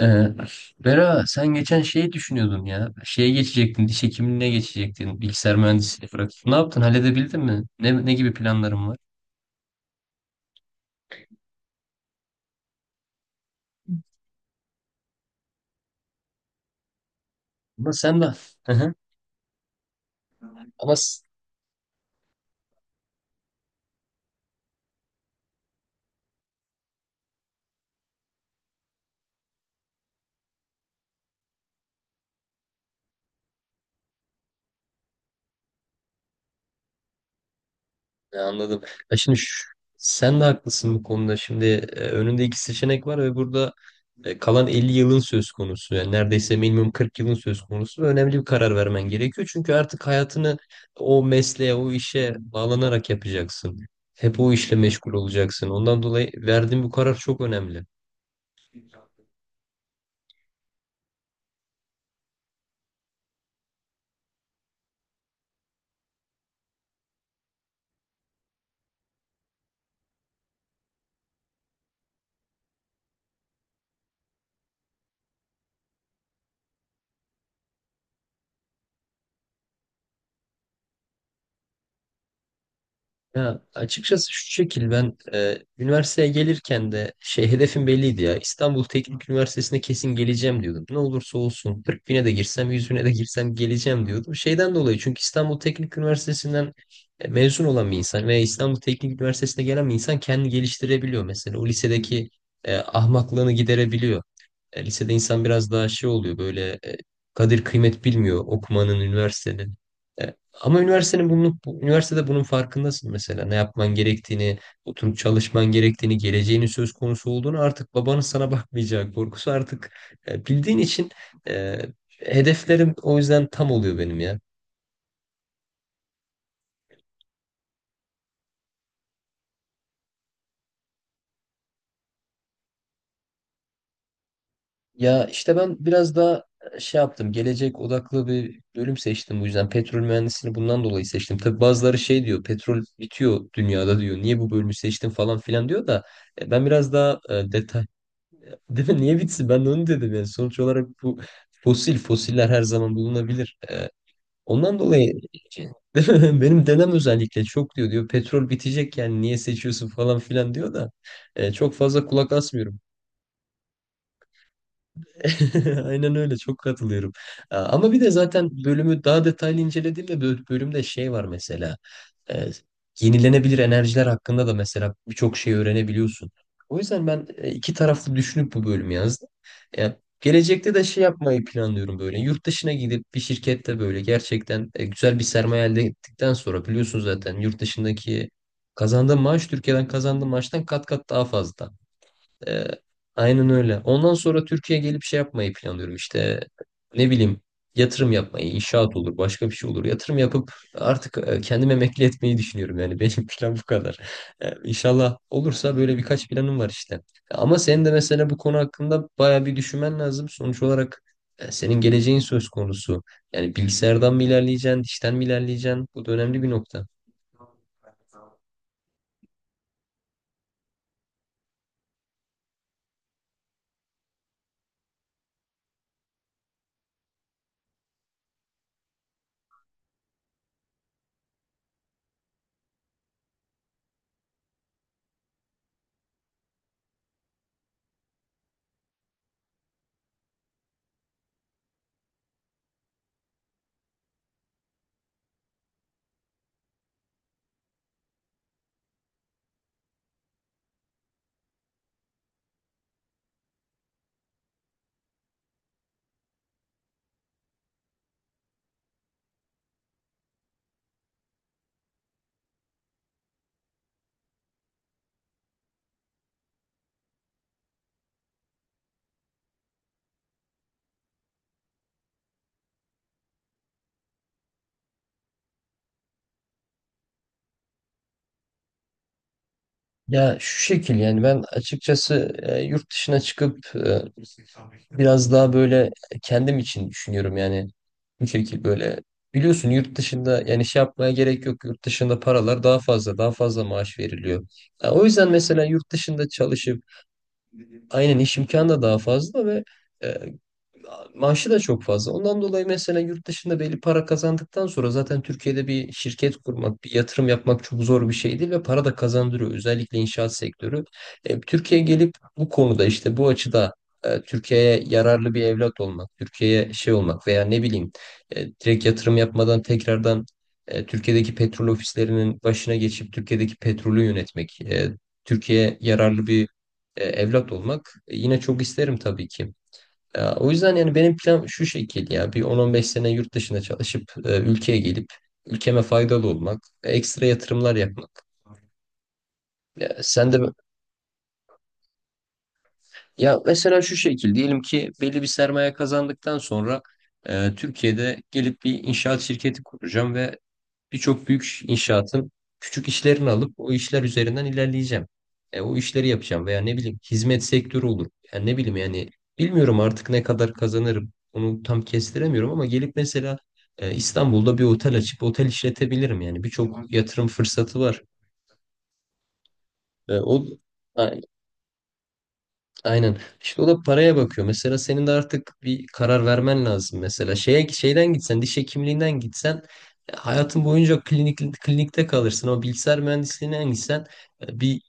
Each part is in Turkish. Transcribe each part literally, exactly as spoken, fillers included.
Ee, Bera, sen geçen şeyi düşünüyordun ya. Şeye geçecektin, diş hekimliğine geçecektin. Bilgisayar mühendisliğini bırakıp. Ne yaptın? Halledebildin mi? Ne, ne gibi planların var? Ama sen de... Hı hı. Ama s- Ya, anladım. Ya şimdi şu- sen de haklısın bu konuda. Şimdi e, önünde iki seçenek var ve burada e, kalan elli yılın söz konusu. Yani neredeyse minimum kırk yılın söz konusu. Ve önemli bir karar vermen gerekiyor. Çünkü artık hayatını o mesleğe, o işe bağlanarak yapacaksın. Hep o işle meşgul olacaksın. Ondan dolayı verdiğin bu karar çok önemli. Ya, açıkçası şu şekil: ben e, üniversiteye gelirken de şey hedefim belliydi ya, İstanbul Teknik Üniversitesi'ne kesin geleceğim diyordum. Ne olursa olsun kırk bine de girsem yüz bine de girsem geleceğim diyordum. Şeyden dolayı, çünkü İstanbul Teknik Üniversitesi'nden e, mezun olan bir insan veya İstanbul Teknik Üniversitesi'ne gelen bir insan kendini geliştirebiliyor mesela. O lisedeki e, ahmaklığını giderebiliyor. E, lisede insan biraz daha şey oluyor böyle, e, kadir kıymet bilmiyor okumanın, üniversitenin. E, Ama üniversitenin bunun, bu- üniversitede bunun farkındasın mesela. Ne yapman gerektiğini, oturup çalışman gerektiğini, geleceğinin söz konusu olduğunu, artık babanın sana bakmayacağı korkusu, artık e, bildiğin için e, hedeflerim o yüzden tam oluyor benim ya. Ya işte ben biraz daha şey yaptım. Gelecek odaklı bir bölüm seçtim bu yüzden. Petrol mühendisliğini bundan dolayı seçtim. Tabii bazıları şey diyor. Petrol bitiyor dünyada diyor. Niye bu bölümü seçtin falan filan diyor da e, ben biraz daha e, detay... Değil mi? Niye bitsin? Ben de onu dedim yani. Sonuç olarak bu fosil fosiller her zaman bulunabilir. E, ondan dolayı değil mi? Benim dedem özellikle çok diyor diyor petrol bitecek yani niye seçiyorsun falan filan diyor da e, çok fazla kulak asmıyorum. Aynen öyle, çok katılıyorum. Aa, ama bir de zaten bölümü daha detaylı incelediğimde bö- bölümde şey var mesela. e, Yenilenebilir enerjiler hakkında da mesela birçok şey öğrenebiliyorsun. O yüzden ben e, iki taraflı düşünüp bu bölümü yazdım. Ya, gelecekte de şey yapmayı planlıyorum böyle. Yurt dışına gidip bir şirkette böyle gerçekten e, güzel bir sermaye elde ettikten sonra, biliyorsun zaten yurt dışındaki kazandığın maaş Türkiye'den kazandığın maaştan kat kat daha fazla. Ee, aynen öyle. Ondan sonra Türkiye'ye gelip şey yapmayı planlıyorum işte, ne bileyim, yatırım yapmayı, inşaat olur, başka bir şey olur. Yatırım yapıp artık e, kendimi emekli etmeyi düşünüyorum. Yani benim plan bu kadar. Ee, İnşallah olursa böyle birkaç planım var işte. Ama senin de mesela bu konu hakkında baya bir düşünmen lazım. Sonuç olarak e, senin geleceğin söz konusu. Yani bilgisayardan mı ilerleyeceksin, dişten mi ilerleyeceksin? Bu da önemli bir nokta. Ya şu şekil yani, ben açıkçası e, yurt dışına çıkıp biraz daha böyle kendim için düşünüyorum yani, bu şekilde böyle. Biliyorsun yurt dışında, yani şey yapmaya gerek yok, yurt dışında paralar daha fazla daha fazla maaş veriliyor. Ya o yüzden mesela yurt dışında çalışıp, aynen, iş imkanı da daha fazla ve e, maaşı da çok fazla. Ondan dolayı mesela yurt dışında belli para kazandıktan sonra zaten Türkiye'de bir şirket kurmak, bir yatırım yapmak çok zor bir şey değil ve para da kazandırıyor. Özellikle inşaat sektörü. E, Türkiye'ye gelip bu konuda işte, bu açıda e, Türkiye'ye yararlı bir evlat olmak, Türkiye'ye şey olmak, veya ne bileyim e, direkt yatırım yapmadan tekrardan e, Türkiye'deki petrol ofislerinin başına geçip Türkiye'deki petrolü yönetmek, e, Türkiye'ye yararlı bir e, evlat olmak e, yine çok isterim tabii ki. Ya, o yüzden yani benim plan şu şekilde: ya bir on on beş sene yurt dışına çalışıp e, ülkeye gelip ülkeme faydalı olmak, ekstra yatırımlar yapmak. Ya, sen de ya, mesela şu şekil: diyelim ki belli bir sermaye kazandıktan sonra e, Türkiye'de gelip bir inşaat şirketi kuracağım ve birçok büyük inşaatın küçük işlerini alıp o işler üzerinden ilerleyeceğim. E, o işleri yapacağım, veya ne bileyim, hizmet sektörü olur. Yani ne bileyim yani, bilmiyorum artık ne kadar kazanırım. Onu tam kestiremiyorum ama gelip mesela e, İstanbul'da bir otel açıp otel işletebilirim. Yani birçok yatırım fırsatı var. E, o Aynen. İşte o da paraya bakıyor. Mesela senin de artık bir karar vermen lazım. Mesela şeye, şeyden gitsen, diş hekimliğinden gitsen e, hayatın boyunca klinik klinikte kalırsın. Ama bilgisayar mühendisliğinden gitsen e, bir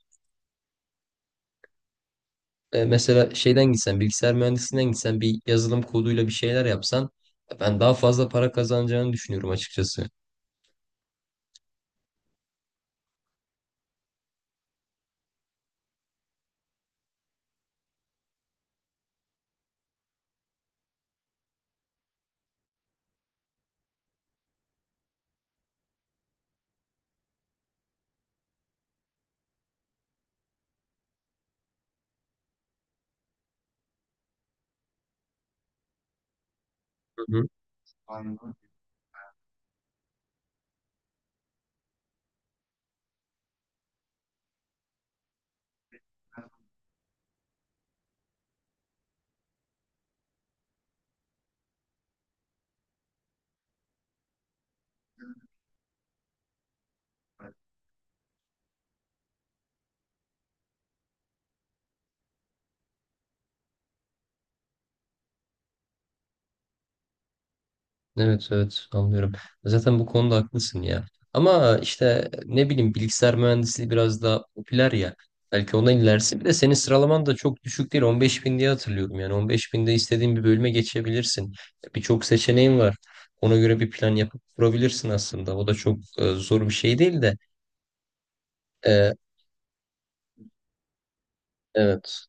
e, mesela şeyden gitsen, bilgisayar mühendisliğinden gitsen bir yazılım koduyla bir şeyler yapsan, e, ben daha fazla para kazanacağını düşünüyorum açıkçası. Hı. Evet, evet, anlıyorum. Zaten bu konuda haklısın ya. Ama işte ne bileyim, bilgisayar mühendisliği biraz daha popüler ya. Belki ona ilerisi. Bir de senin sıralaman da çok düşük değil. on beş bin diye hatırlıyorum yani. on beş binde istediğin bir bölüme geçebilirsin. Birçok seçeneğin var. Ona göre bir plan yapıp kurabilirsin aslında. O da çok e, zor bir şey değil de. E, evet.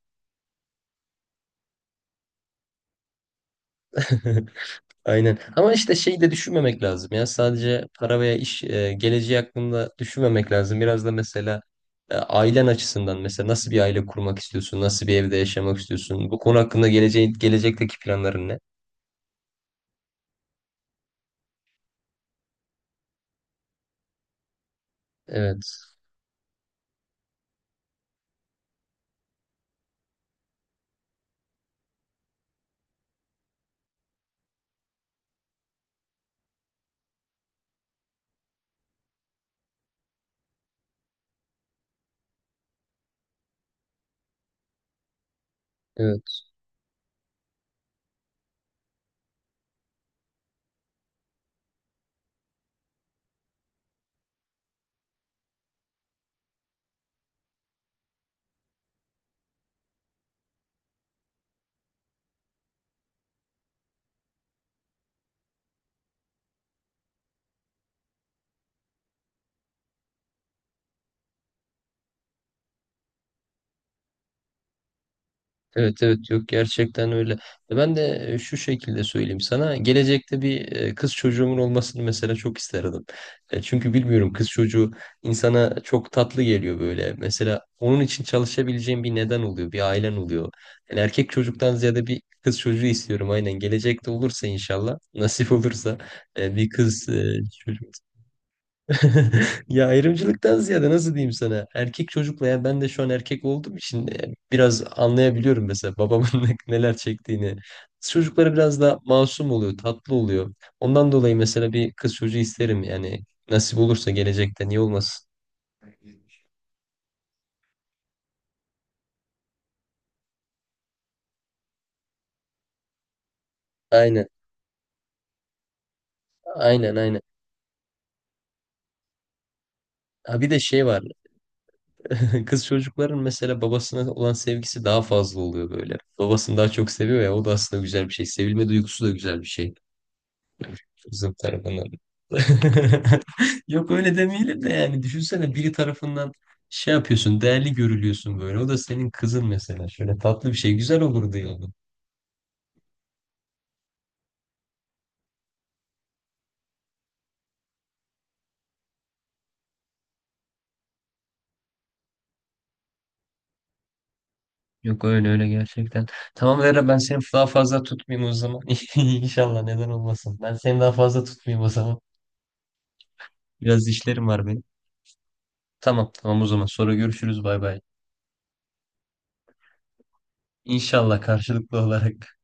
Aynen. Ama işte şeyi de düşünmemek lazım ya. Sadece para veya iş e, geleceği hakkında düşünmemek lazım. Biraz da mesela e, ailen açısından mesela, nasıl bir aile kurmak istiyorsun? Nasıl bir evde yaşamak istiyorsun? Bu konu hakkında geleceğin, gelecekteki planların ne? Evet. Evet. Evet, evet, yok, gerçekten öyle. E Ben de e, şu şekilde söyleyeyim sana. Gelecekte bir e, kız çocuğumun olmasını mesela çok isterdim. E, Çünkü bilmiyorum, kız çocuğu insana çok tatlı geliyor böyle. Mesela onun için çalışabileceğim bir neden oluyor, bir ailen oluyor. Yani erkek çocuktan ziyade bir kız çocuğu istiyorum, aynen. Gelecekte olursa inşallah, nasip olursa e, bir kız e, çocuğu. Ya, ayrımcılıktan ziyade nasıl diyeyim sana? Erkek çocukla, ya ben de şu an erkek olduğum için e, biraz anlayabiliyorum mesela babamın ne- neler çektiğini. Kız çocukları biraz daha masum oluyor, tatlı oluyor. Ondan dolayı mesela bir kız çocuğu isterim yani, nasip olursa gelecekte niye olmasın? Aynen, aynen, aynen. Ha, bir de şey var. Kız çocukların mesela babasına olan sevgisi daha fazla oluyor böyle. Babasını daha çok seviyor ya, o da aslında güzel bir şey. Sevilme duygusu da güzel bir şey. Kızım tarafından. Yok, öyle demeyelim de yani düşünsene, biri tarafından şey yapıyorsun, değerli görülüyorsun böyle. O da senin kızın mesela. Şöyle tatlı bir şey güzel olurdu yani. Yok, öyle öyle, gerçekten. Tamam Vera, ben seni daha fazla tutmayayım o zaman. İnşallah, neden olmasın. Ben seni daha fazla tutmayayım o zaman. Biraz işlerim var benim. Tamam, tamam, o zaman sonra görüşürüz, bay bay. İnşallah karşılıklı olarak.